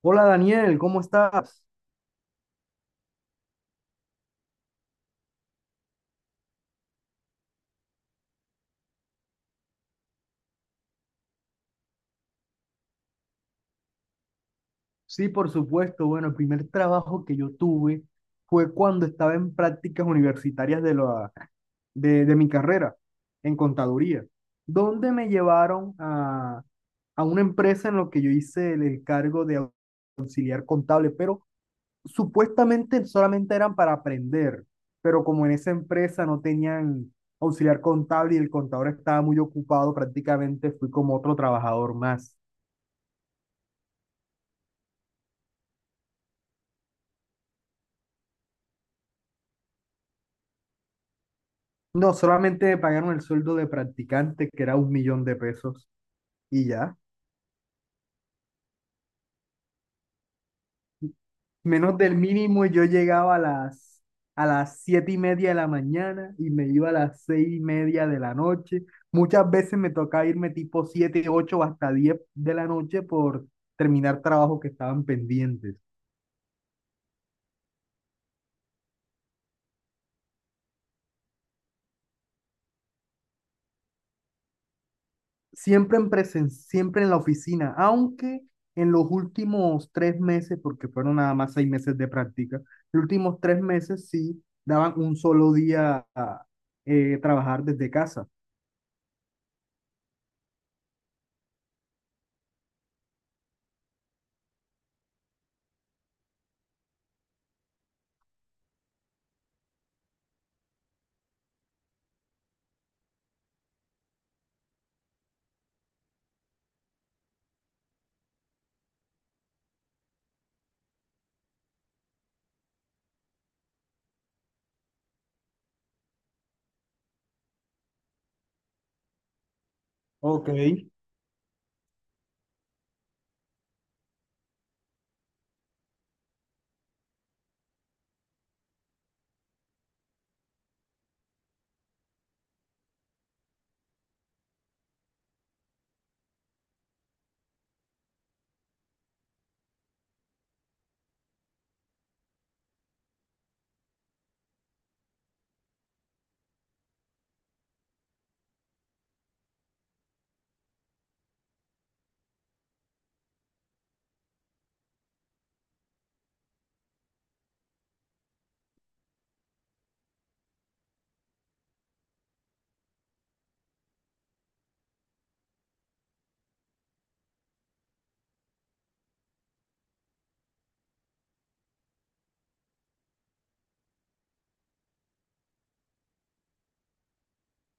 Hola Daniel, ¿cómo estás? Sí, por supuesto. Bueno, el primer trabajo que yo tuve fue cuando estaba en prácticas universitarias de mi carrera en contaduría, donde me llevaron a una empresa en lo que yo hice el cargo de auxiliar contable, pero supuestamente solamente eran para aprender, pero como en esa empresa no tenían auxiliar contable y el contador estaba muy ocupado, prácticamente fui como otro trabajador más. No, solamente me pagaron el sueldo de practicante, que era 1 millón de pesos, y ya. Menos del mínimo, y yo llegaba a las 7:30 de la mañana y me iba a las 6:30 de la noche. Muchas veces me tocaba irme tipo 7, 8 o hasta 10 de la noche por terminar trabajos que estaban pendientes. Siempre en siempre en la oficina, aunque en los últimos 3 meses, porque fueron nada más 6 meses de práctica, los últimos tres meses sí daban un solo día a trabajar desde casa. Ok.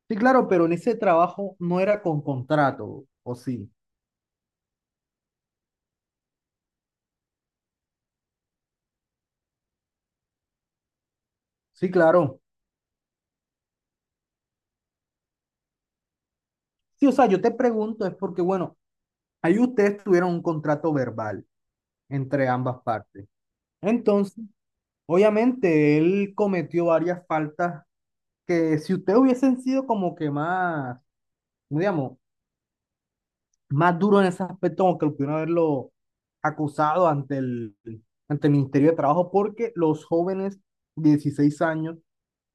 Sí, claro, pero en ese trabajo no era con contrato, ¿o sí? Sí, claro. Sí, o sea, yo te pregunto, es porque, bueno, ahí ustedes tuvieron un contrato verbal entre ambas partes. Entonces, obviamente, él cometió varias faltas que si ustedes hubiesen sido como que más, ¿cómo digamos, más duro en ese aspecto, como que lo pudieron haberlo acusado ante ante el Ministerio de Trabajo, porque los jóvenes de 16 años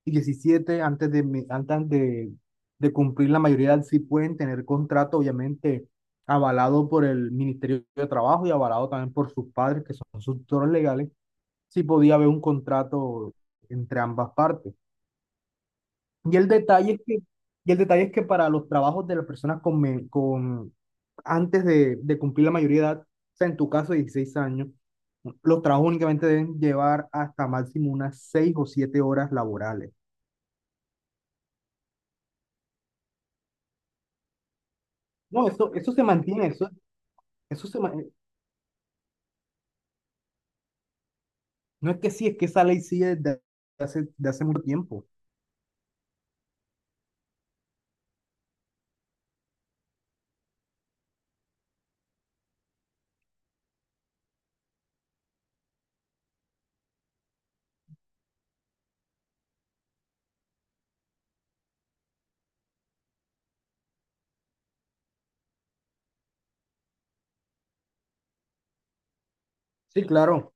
y 17 antes de cumplir la mayoría de edad, sí pueden tener contrato, obviamente, avalado por el Ministerio de Trabajo y avalado también por sus padres, que son sus tutores legales, sí podía haber un contrato entre ambas partes. Y el detalle es que, y el detalle es que para los trabajos de las personas con antes de cumplir la mayoría de edad, o sea, en tu caso, 16 años, los trabajos únicamente deben llevar hasta máximo unas 6 o 7 horas laborales. No, eso se mantiene, eso se, ma- eh, no es que sí, es que esa ley sigue desde de hace mucho tiempo. Sí, claro.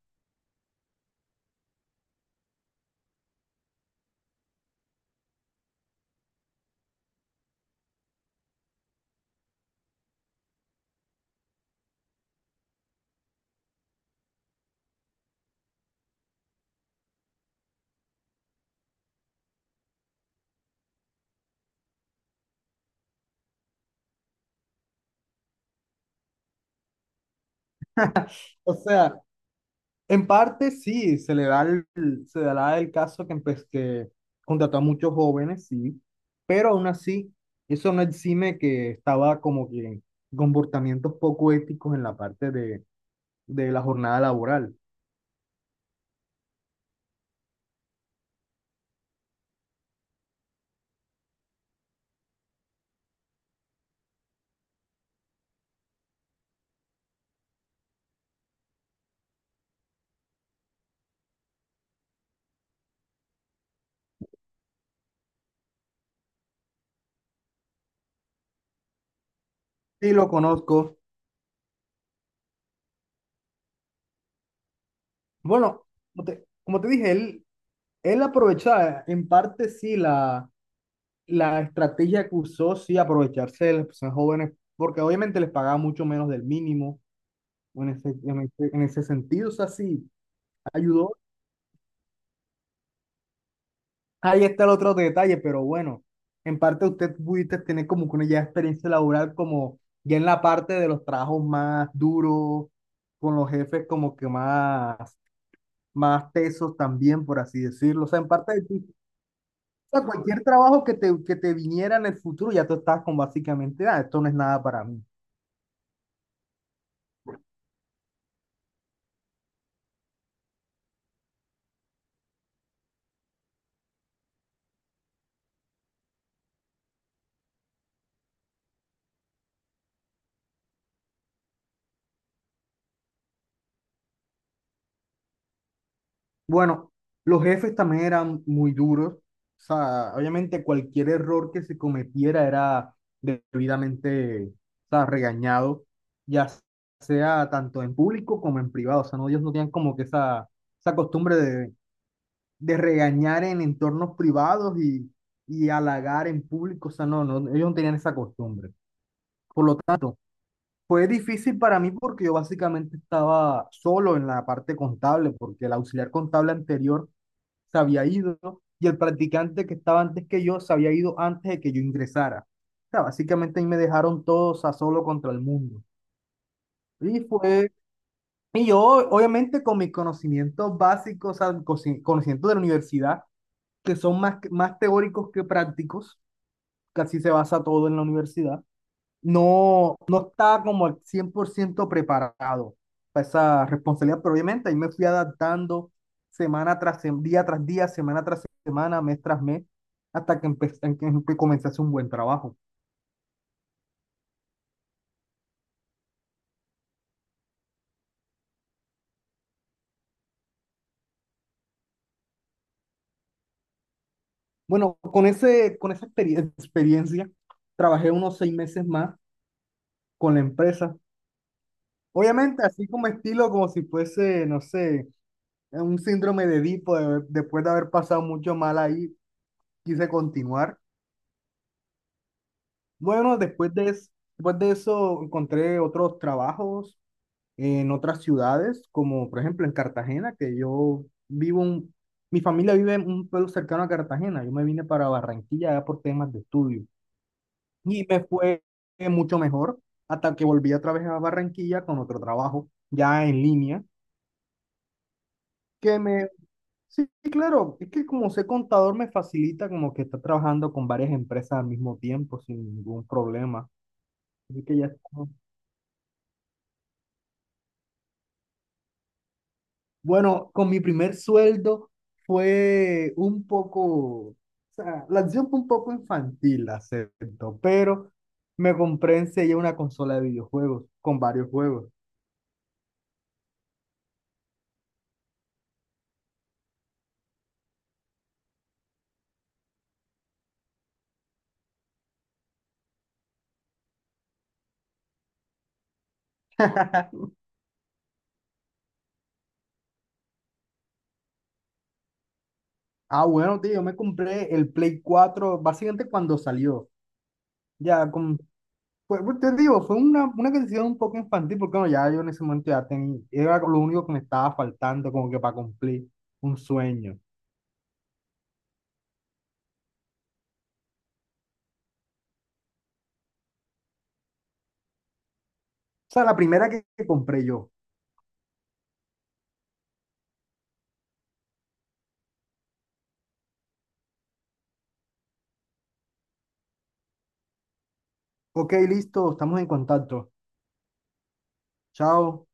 O sea, en parte sí, se le se dará el caso que, que contrató a muchos jóvenes, sí, pero aún así, eso no exime que estaba como que en comportamientos poco éticos en la parte de la jornada laboral. Sí, lo conozco. Bueno, como te dije, él aprovechaba, en parte sí, la estrategia que usó, sí, aprovecharse de las personas jóvenes, porque obviamente les pagaba mucho menos del mínimo en ese sentido, o sea, sí ayudó. Ahí está el otro detalle, pero bueno, en parte usted pudiste tener como que una ya experiencia laboral como ya en la parte de los trabajos más duros, con los jefes como que más, más tesos también, por así decirlo. O sea, en parte de ti, o sea, cualquier trabajo que te viniera en el futuro, ya tú estás con básicamente, ah, esto no es nada para mí. Bueno, los jefes también eran muy duros. O sea, obviamente cualquier error que se cometiera era debidamente, o sea, regañado, ya sea tanto en público como en privado. O sea, no, ellos no tenían como que esa costumbre de regañar en entornos privados y halagar en público. O sea, no, no, ellos no tenían esa costumbre. Por lo tanto, fue difícil para mí porque yo básicamente estaba solo en la parte contable, porque el auxiliar contable anterior se había ido y el practicante que estaba antes que yo se había ido antes de que yo ingresara. O sea, básicamente ahí me dejaron todos a solo contra el mundo. Y fue, y yo obviamente con mis conocimientos básicos, o sea, conocimientos de la universidad, que son más, más teóricos que prácticos, casi se basa todo en la universidad. No, no estaba como al 100% preparado para esa responsabilidad, pero obviamente ahí me fui adaptando día tras día, semana tras semana, mes tras mes, hasta que empecé, comencé a hacer un buen trabajo. Bueno, con esa experiencia, trabajé unos 6 meses más con la empresa. Obviamente, así como estilo, como si fuese, no sé, un síndrome de Edipo, después de haber pasado mucho mal ahí, quise continuar. Bueno, después de eso encontré otros trabajos en otras ciudades, como por ejemplo en Cartagena, que yo mi familia vive en un pueblo cercano a Cartagena. Yo me vine para Barranquilla ya por temas de estudio y me fue mucho mejor hasta que volví otra vez a Barranquilla con otro trabajo ya en línea, que me, sí, claro, es que como soy contador me facilita como que estar trabajando con varias empresas al mismo tiempo sin ningún problema. Así que ya está. Bueno, con mi primer sueldo fue un poco, o sea, la acción fue un poco infantil, la acepto, pero me compré enseguida una consola de videojuegos con varios juegos. Ah, bueno, tío, yo me compré el Play cuatro básicamente cuando salió. Ya, pues, pues, te digo, fue una decisión un poco infantil porque bueno, ya yo en ese momento ya tenía, era lo único que me estaba faltando como que para cumplir un sueño. O sea, la primera que compré yo. Ok, listo, estamos en contacto. Chao.